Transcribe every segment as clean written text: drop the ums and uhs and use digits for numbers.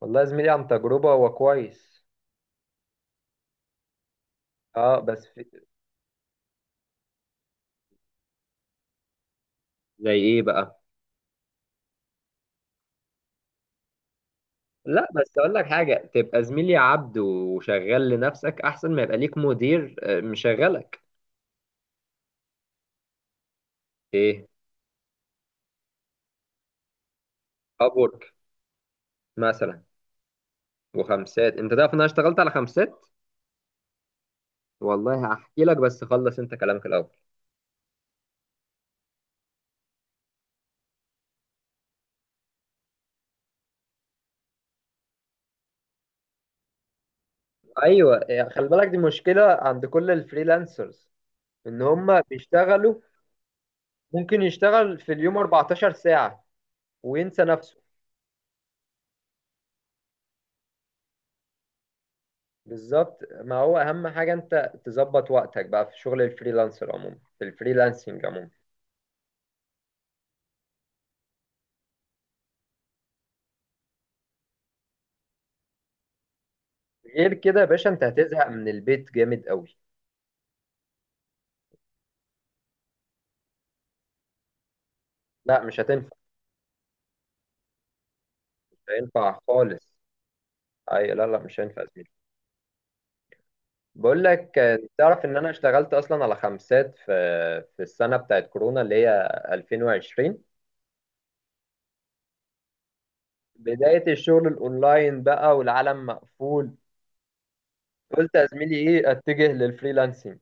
والله يا زميلي، عن تجربة هو كويس. اه بس في... زي ايه بقى؟ لا، بس اقول لك حاجه. تبقى زميلي عبد وشغال لنفسك احسن ما يبقى ليك مدير، مشغلك. ايه، ابورك مثلا وخمسات. انت تعرف ان انا اشتغلت على خمسات. والله هحكي لك، بس خلص انت كلامك الاول. ايوه، خلي بالك دي مشكله عند كل الفريلانسرز، ان هم بيشتغلوا. ممكن يشتغل في اليوم 14 ساعه وينسى نفسه. بالظبط، ما هو اهم حاجه انت تظبط وقتك بقى في شغل الفريلانسر عموما، في الفريلانسنج عموما. غير كده يا باشا، انت هتزهق من البيت جامد قوي. لا، مش هتنفع. مش هينفع خالص. اي، لا لا، مش هينفع يا زميلي. بقول لك، تعرف ان انا اشتغلت اصلا على خمسات في السنه بتاعت كورونا اللي هي 2020. بدايه الشغل الاونلاين بقى والعالم مقفول. قلت يا زميلي، ايه، اتجه للفريلانسنج.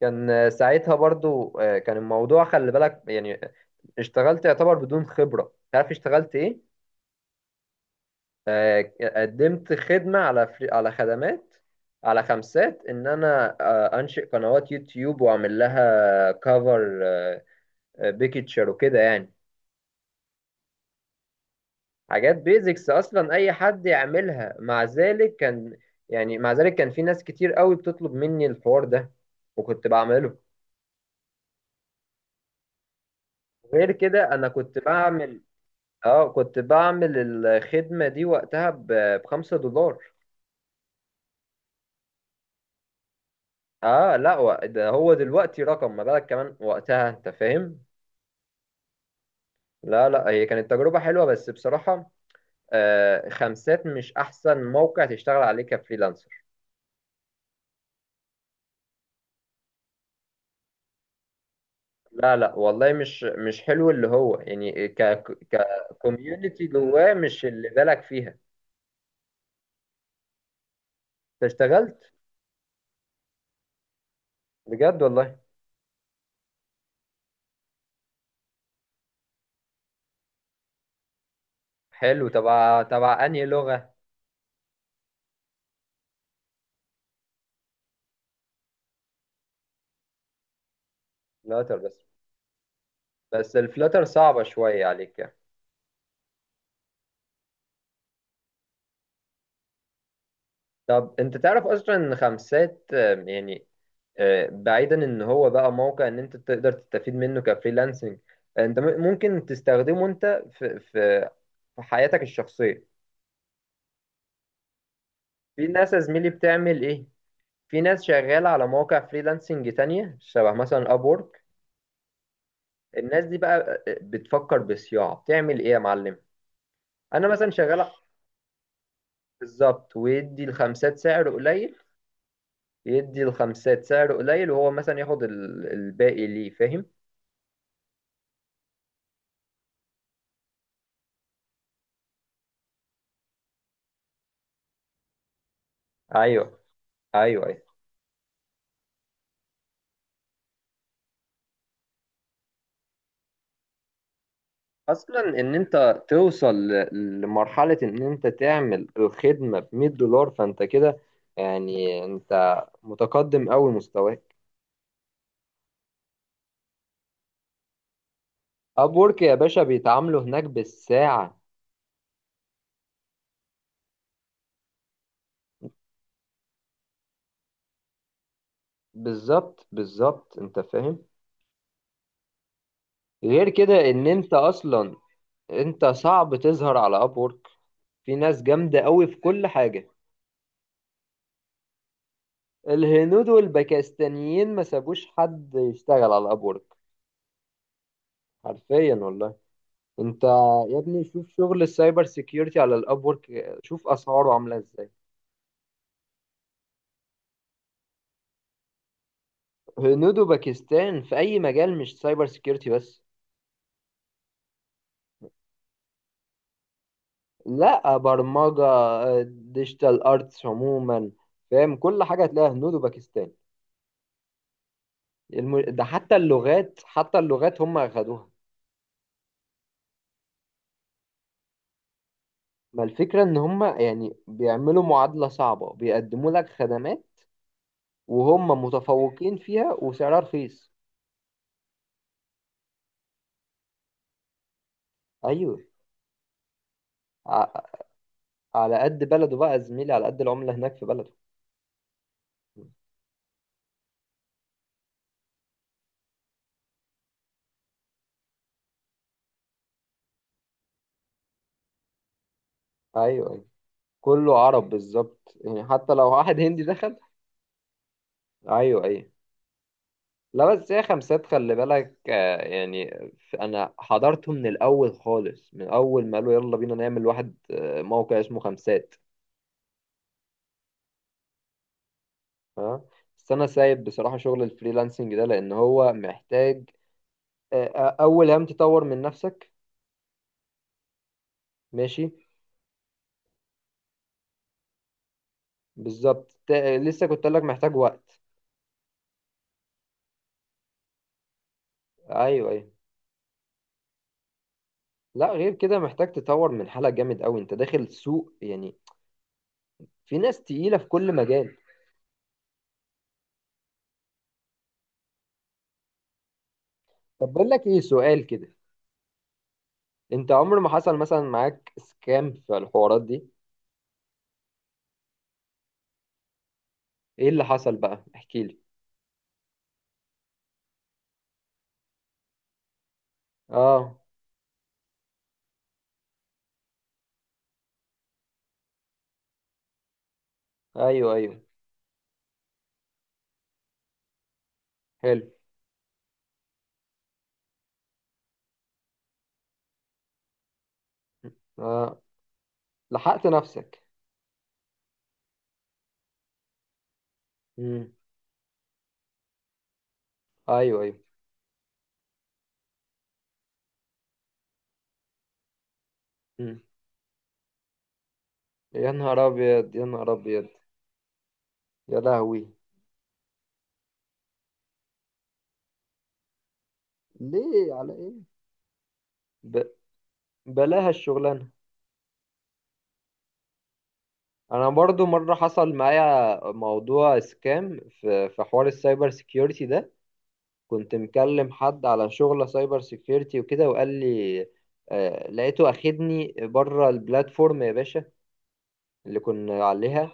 كان ساعتها برضو كان الموضوع خلي بالك يعني. اشتغلت يعتبر بدون خبرة. تعرف اشتغلت ايه؟ قدمت خدمة على على خدمات، على خمسات، ان انا انشئ قنوات يوتيوب واعمل لها كفر بيكتشر وكده يعني. حاجات بيزكس، اصلا اي حد يعملها، مع ذلك كان، يعني مع ذلك كان في ناس كتير قوي بتطلب مني الحوار ده وكنت بعمله. غير كده انا كنت بعمل. اه كنت بعمل الخدمة دي وقتها بخمسة دولار. اه، لا، هو ده هو دلوقتي رقم، ما بالك كمان وقتها، انت فاهم. لا لا، هي كانت تجربة حلوة بس بصراحة خمسات مش احسن موقع تشتغل عليه كفريلانسر. لا لا، والله، مش حلو اللي هو يعني ككوميونتي جواه، مش اللي بالك فيها. انت اشتغلت؟ بجد والله. حلو، تبع انهي لغة؟ فلاتر بس. بس الفلاتر صعبة شوية عليك يعني. طب، انت تعرف اصلا ان خمسات يعني، بعيدا ان هو بقى موقع ان انت تقدر تستفيد منه كفريلانسنج، انت ممكن تستخدمه انت في حياتك الشخصيه. في ناس يا زميلي بتعمل ايه. في ناس شغاله على مواقع فريلانسنج تانية شبه مثلا ابورك. الناس دي بقى بتفكر بصياعه، بتعمل ايه يا معلم. انا مثلا شغال. بالظبط، ويدي الخمسات سعر قليل. يدي الخمسات سعر قليل، وهو مثلا ياخد الباقي، ليه، فاهم؟ ايوه، ايوه، أيوه. اصلا ان انت توصل لمرحله ان انت تعمل الخدمه ب $100، فانت كده يعني انت متقدم قوي مستواك. اب وورك يا باشا بيتعاملوا هناك بالساعه. بالظبط، بالظبط، انت فاهم. غير كده ان انت اصلا انت صعب تظهر على اب وورك. في ناس جامده قوي في كل حاجه. الهنود والباكستانيين ما سابوش حد يشتغل على اب وورك. حرفيا والله. انت يا ابني، شوف شغل السايبر سيكيورتي على الاب وورك. شوف اسعاره عامله ازاي. هنود وباكستان في اي مجال، مش سايبر سيكيورتي بس. لا، برمجه، ديجيتال ارتس عموما. فاهم؟ كل حاجه هتلاقيها هنود وباكستان. ده حتى اللغات، حتى اللغات هم اخدوها. ما الفكره ان هم يعني بيعملوا معادله صعبه، بيقدموا لك خدمات وهم متفوقين فيها وسعرها رخيص. ايوه، ع- على قد بلده بقى يا زميلي، على قد العمله هناك في بلده. ايوه، ايوه، كله عرب بالظبط، يعني حتى لو واحد هندي دخل. ايوه، ايوه. لا، بس هي خمسات خلي بالك يعني، انا حضرته من الاول خالص، من اول ما قالوا يلا بينا نعمل واحد، موقع اسمه خمسات. ها. بس انا سايب بصراحة شغل الفريلانسنج ده، لان هو محتاج اول هم تطور من نفسك. ماشي. بالظبط، لسه كنت قايل لك محتاج وقت. ايوه، ايوه. لا، غير كده محتاج تطور من حالك جامد قوي. انت داخل سوق، يعني في ناس تقيلة في كل مجال. طب بقول لك ايه، سؤال كده. انت عمر ما حصل مثلا معاك سكام في الحوارات دي؟ ايه اللي حصل بقى، احكي لي. اه. ايوه، ايوه. حلو. آه. لحقت نفسك. مم. ايوه، ايوه. مم. يا نهار ابيض، يا نهار ابيض. يا لهوي. ليه، على ايه؟ ب... بلاها الشغلانه. انا برضو مره حصل معايا موضوع سكام في حوار السايبر سيكيورتي ده. كنت مكلم حد على شغلة سايبر سيكيورتي وكده، وقال لي لقيته أخدني بره البلاتفورم يا باشا، اللي كنا عليها.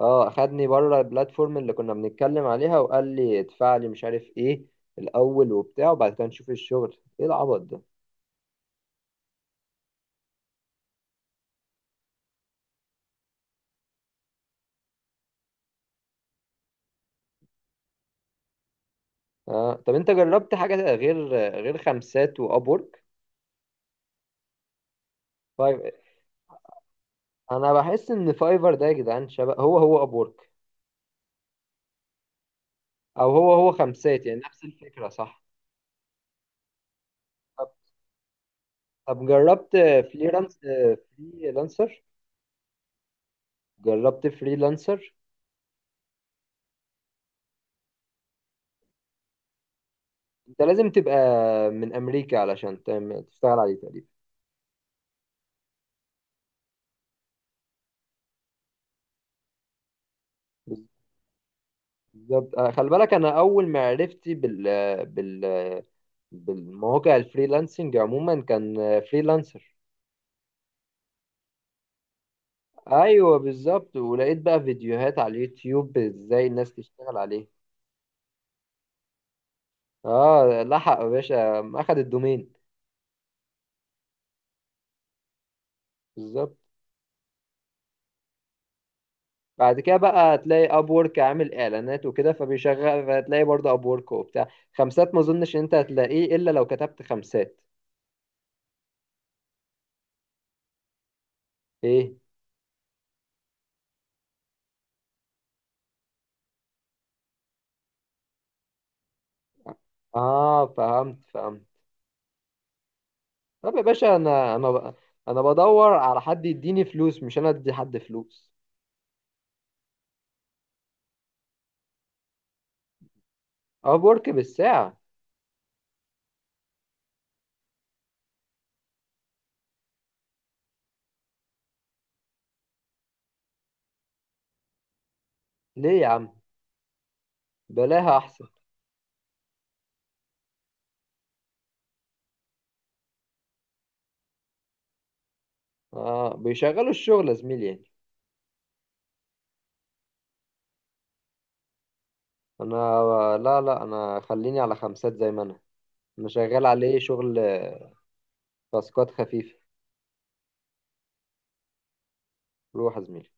اه أخدني بره البلاتفورم اللي كنا بنتكلم عليها، وقال لي ادفع لي مش عارف ايه الأول وبتاع، وبعد كده نشوف الشغل. ايه العبط ده؟ طب انت جربت حاجة غير خمسات وأبورك؟ فايف أنا بحس إن فايفر ده يا جدعان شبه هو هو أبورك، أو هو هو خمسات. يعني نفس الفكرة، صح؟ طب جربت فريلانس فريلانسر؟ جربت فريلانسر؟ انت لازم تبقى من امريكا علشان تشتغل عليه تقريبا. بالظبط، خلي بالك انا اول ما عرفتي بال بالمواقع الفريلانسنج عموما، كان فريلانسر. ايوه بالظبط، ولقيت بقى فيديوهات على اليوتيوب ازاي الناس تشتغل عليه. اه، لحق يا باشا، اخد الدومين. بالظبط. بعد كده بقى هتلاقي اب وورك عامل اعلانات وكده فبيشغل، فهتلاقي برضه اب وورك وبتاع. خمسات ما اظنش ان انت هتلاقيه الا لو كتبت خمسات. ايه. اه، فهمت، فهمت. طب يا باشا انا انا بدور على حد يديني فلوس، مش انا ادي حد فلوس. اب وورك بالساعة. ليه يا عم، بلاها احسن. اه، بيشغلوا الشغل يا زميلي يعني. انا، لا لا، انا خليني على خمسات زي ما انا. انا شغال عليه شغل، تاسكات خفيفة. روح يا زميلي.